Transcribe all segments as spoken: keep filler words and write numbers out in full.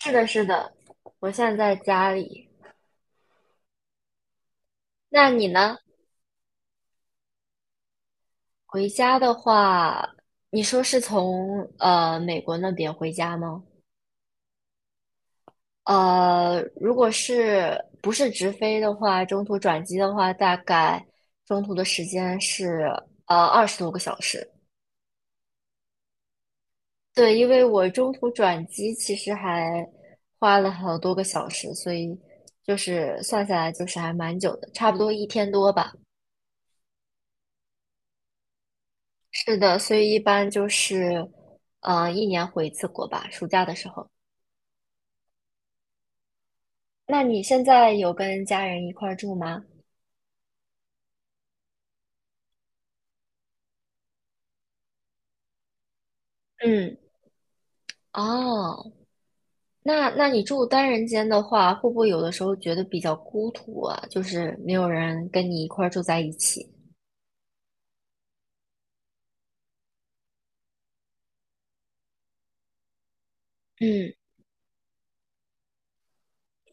是的，是的，我现在在家里。那你呢？回家的话，你说是从呃美国那边回家吗？呃，如果是不是直飞的话，中途转机的话，大概中途的时间是呃二十多个小时。对，因为我中途转机其实还花了好多个小时，所以就是算下来就是还蛮久的，差不多一天多吧。是的，所以一般就是，嗯，一年回一次国吧，暑假的时候。那你现在有跟家人一块儿住吗？嗯，哦，那那你住单人间的话，会不会有的时候觉得比较孤独啊？就是没有人跟你一块儿住在一起。嗯，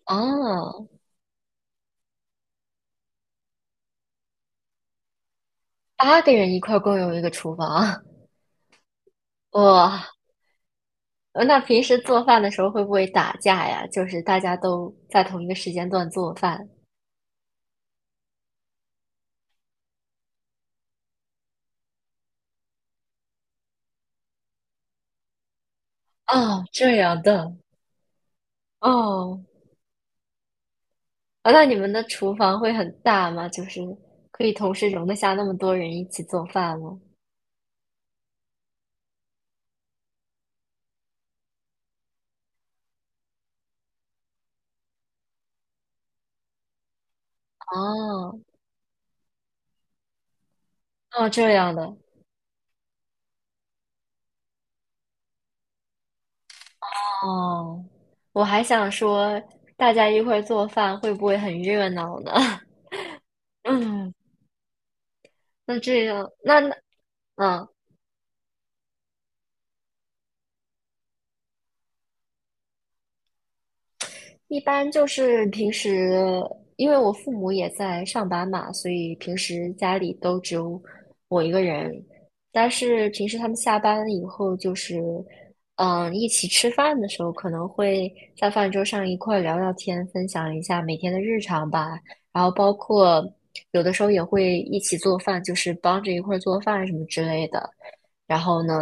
哦，八个人一块儿共用一个厨房，哇，那平时做饭的时候会不会打架呀？就是大家都在同一个时间段做饭。哦，这样的，哦。啊，那你们的厨房会很大吗？就是可以同时容得下那么多人一起做饭吗？哦，哦，这样的，哦，我还想说，大家一块儿做饭会不会很热闹呢？嗯，那这样，那那，嗯。一般就是平时，因为我父母也在上班嘛，所以平时家里都只有我一个人。但是平时他们下班以后，就是嗯，一起吃饭的时候，可能会在饭桌上一块儿聊聊天，分享一下每天的日常吧。然后包括有的时候也会一起做饭，就是帮着一块儿做饭什么之类的。然后呢，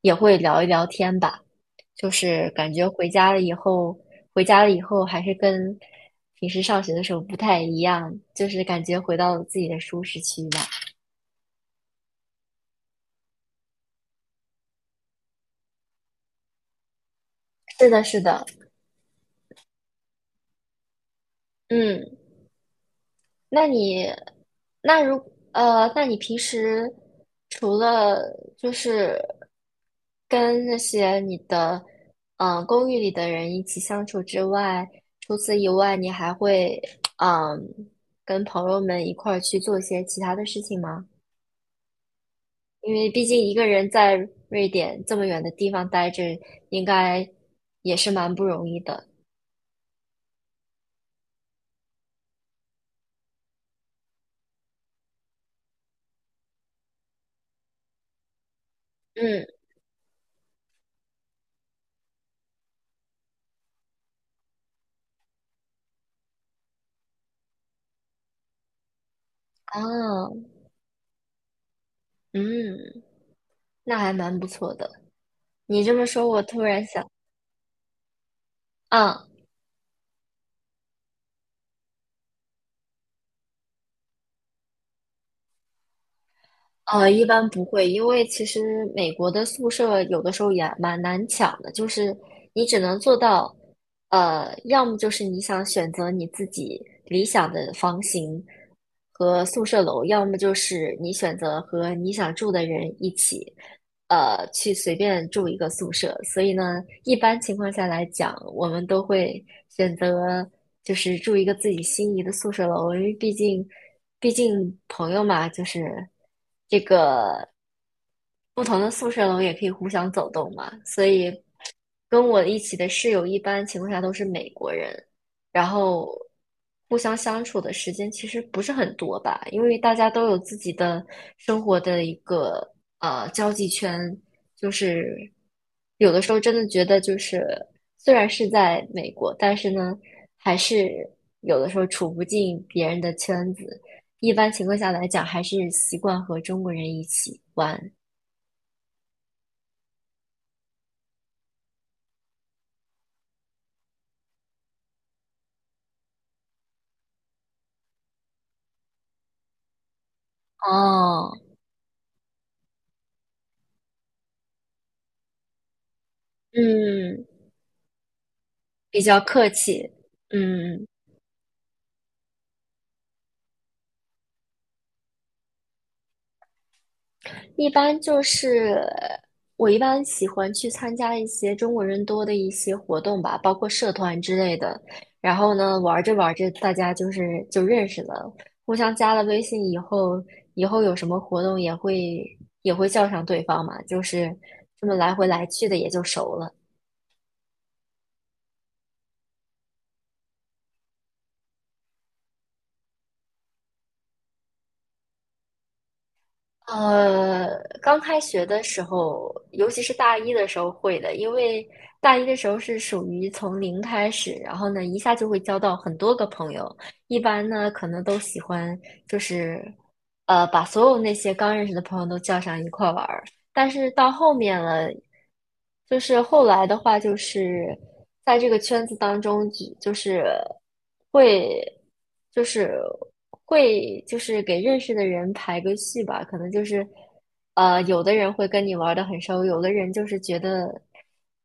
也会聊一聊天吧。就是感觉回家了以后，回家了以后还是跟平时上学的时候不太一样，就是感觉回到了自己的舒适区吧。是的，是的，嗯，那你，那如呃，那你平时除了就是跟那些你的嗯、呃公寓里的人一起相处之外，除此以外，你还会嗯、跟朋友们一块儿去做一些其他的事情吗？因为毕竟一个人在瑞典这么远的地方待着，应该也是蛮不容易的。嗯，啊，嗯，那还蛮不错的。你这么说，我突然想，啊。呃，一般不会，因为其实美国的宿舍有的时候也蛮难抢的，就是你只能做到，呃，要么就是你想选择你自己理想的房型和宿舍楼，要么就是你选择和你想住的人一起，呃，去随便住一个宿舍。所以呢，一般情况下来讲，我们都会选择就是住一个自己心仪的宿舍楼，因为毕竟，毕竟朋友嘛，就是。不同的宿舍楼也可以互相走动嘛，所以跟我一起的室友一般情况下都是美国人，然后互相相处的时间其实不是很多吧，因为大家都有自己的生活的一个呃交际圈，就是有的时候真的觉得就是虽然是在美国，但是呢还是有的时候处不进别人的圈子，一般情况下来讲还是习惯和中国人一起玩。哦，嗯，比较客气。嗯，一般就是我一般喜欢去参加一些中国人多的一些活动吧，包括社团之类的。然后呢，玩着玩着，大家就是就认识了，互相加了微信以后，以后有什么活动也会也会叫上对方嘛，就是这么来回来去的也就熟了。呃，刚开学的时候，尤其是大一的时候会的，因为大一的时候是属于从零开始，然后呢，一下就会交到很多个朋友。一般呢，可能都喜欢就是，呃，把所有那些刚认识的朋友都叫上一块儿玩儿。但是到后面了，就是后来的话，就是在这个圈子当中，就就是会，就是会，就是给认识的人排个序吧。可能就是，呃，有的人会跟你玩的很熟，有的人就是觉得，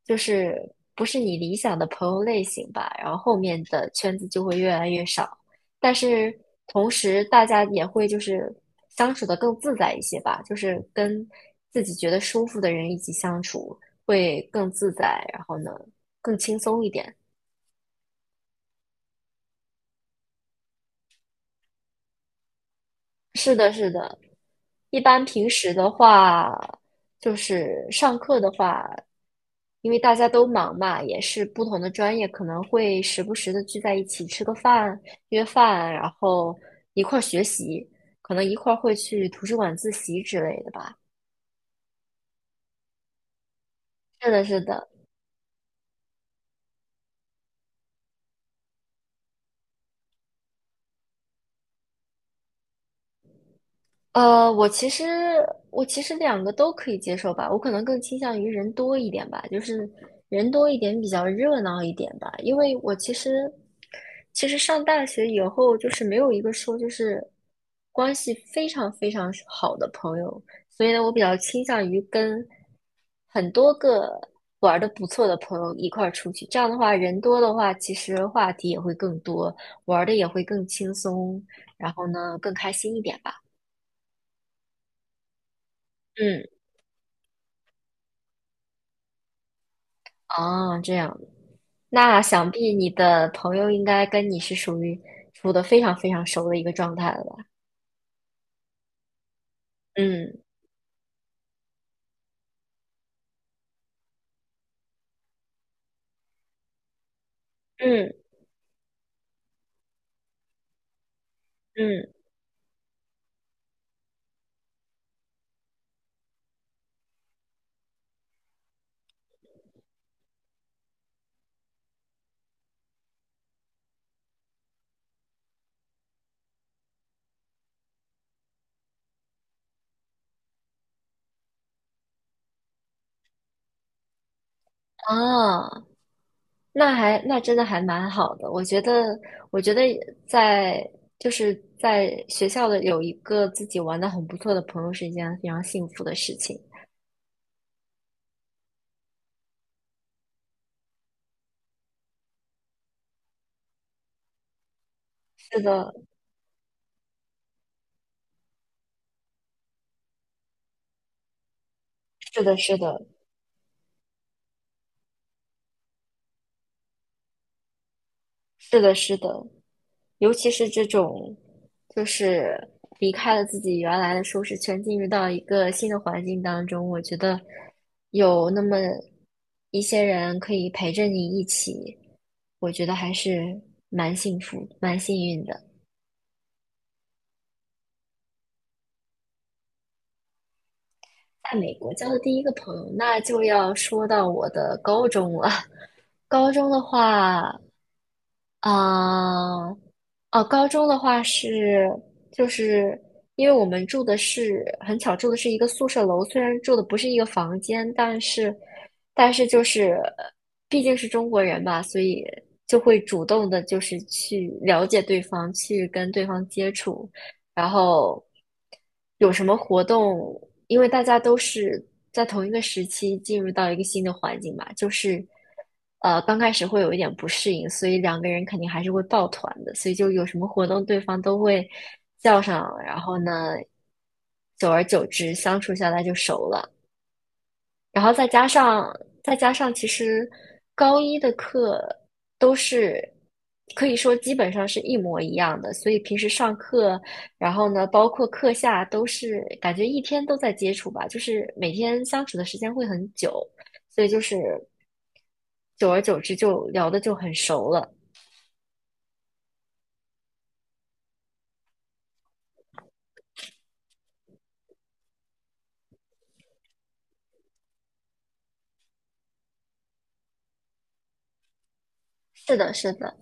就是不是你理想的朋友类型吧。然后后面的圈子就会越来越少。但是同时大家也会就是相处的更自在一些吧，就是跟自己觉得舒服的人一起相处会更自在，然后呢更轻松一点。是的，是的。一般平时的话，就是上课的话，因为大家都忙嘛，也是不同的专业，可能会时不时的聚在一起吃个饭、约饭，然后一块儿学习，可能一块儿会去图书馆自习之类的吧。是的，是的，呃，我其实我其实两个都可以接受吧，我可能更倾向于人多一点吧，就是人多一点比较热闹一点吧，因为我其实其实上大学以后就是没有一个说就是关系非常非常好的朋友，所以呢，我比较倾向于跟很多个玩的不错的朋友一块儿出去，这样的话人多的话，其实话题也会更多，玩的也会更轻松，然后呢更开心一点吧。嗯，哦，这样，那想必你的朋友应该跟你是属于处得非常非常熟的一个状态了吧？嗯嗯嗯，啊，那还那真的还蛮好的。我觉得，我觉得在就是在学校的有一个自己玩的很不错的朋友是一件非常幸福的事情。是的，是的，是的，是的，是的。尤其是这种，就是离开了自己原来的舒适圈，进入到一个新的环境当中，我觉得有那么一些人可以陪着你一起，我觉得还是蛮幸福、蛮幸运的。在美国交的第一个朋友，那就要说到我的高中了。高中的话，啊、哦，高中的话是，就是因为我们住的是很巧，住的是一个宿舍楼，虽然住的不是一个房间，但是，但是就是毕竟是中国人嘛，所以就会主动的，就是去了解对方，去跟对方接触。然后有什么活动？因为大家都是在同一个时期进入到一个新的环境嘛，就是呃刚开始会有一点不适应，所以两个人肯定还是会抱团的，所以就有什么活动对方都会叫上，然后呢，久而久之相处下来就熟了。然后再加上再加上，其实高一的课都是可以说基本上是一模一样的，所以平时上课，然后呢，包括课下都是感觉一天都在接触吧，就是每天相处的时间会很久，所以就是久而久之就聊的就很熟了。是的，是的，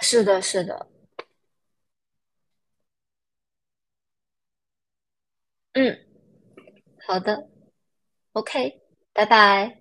是的，是的，嗯，好的，OK，拜拜。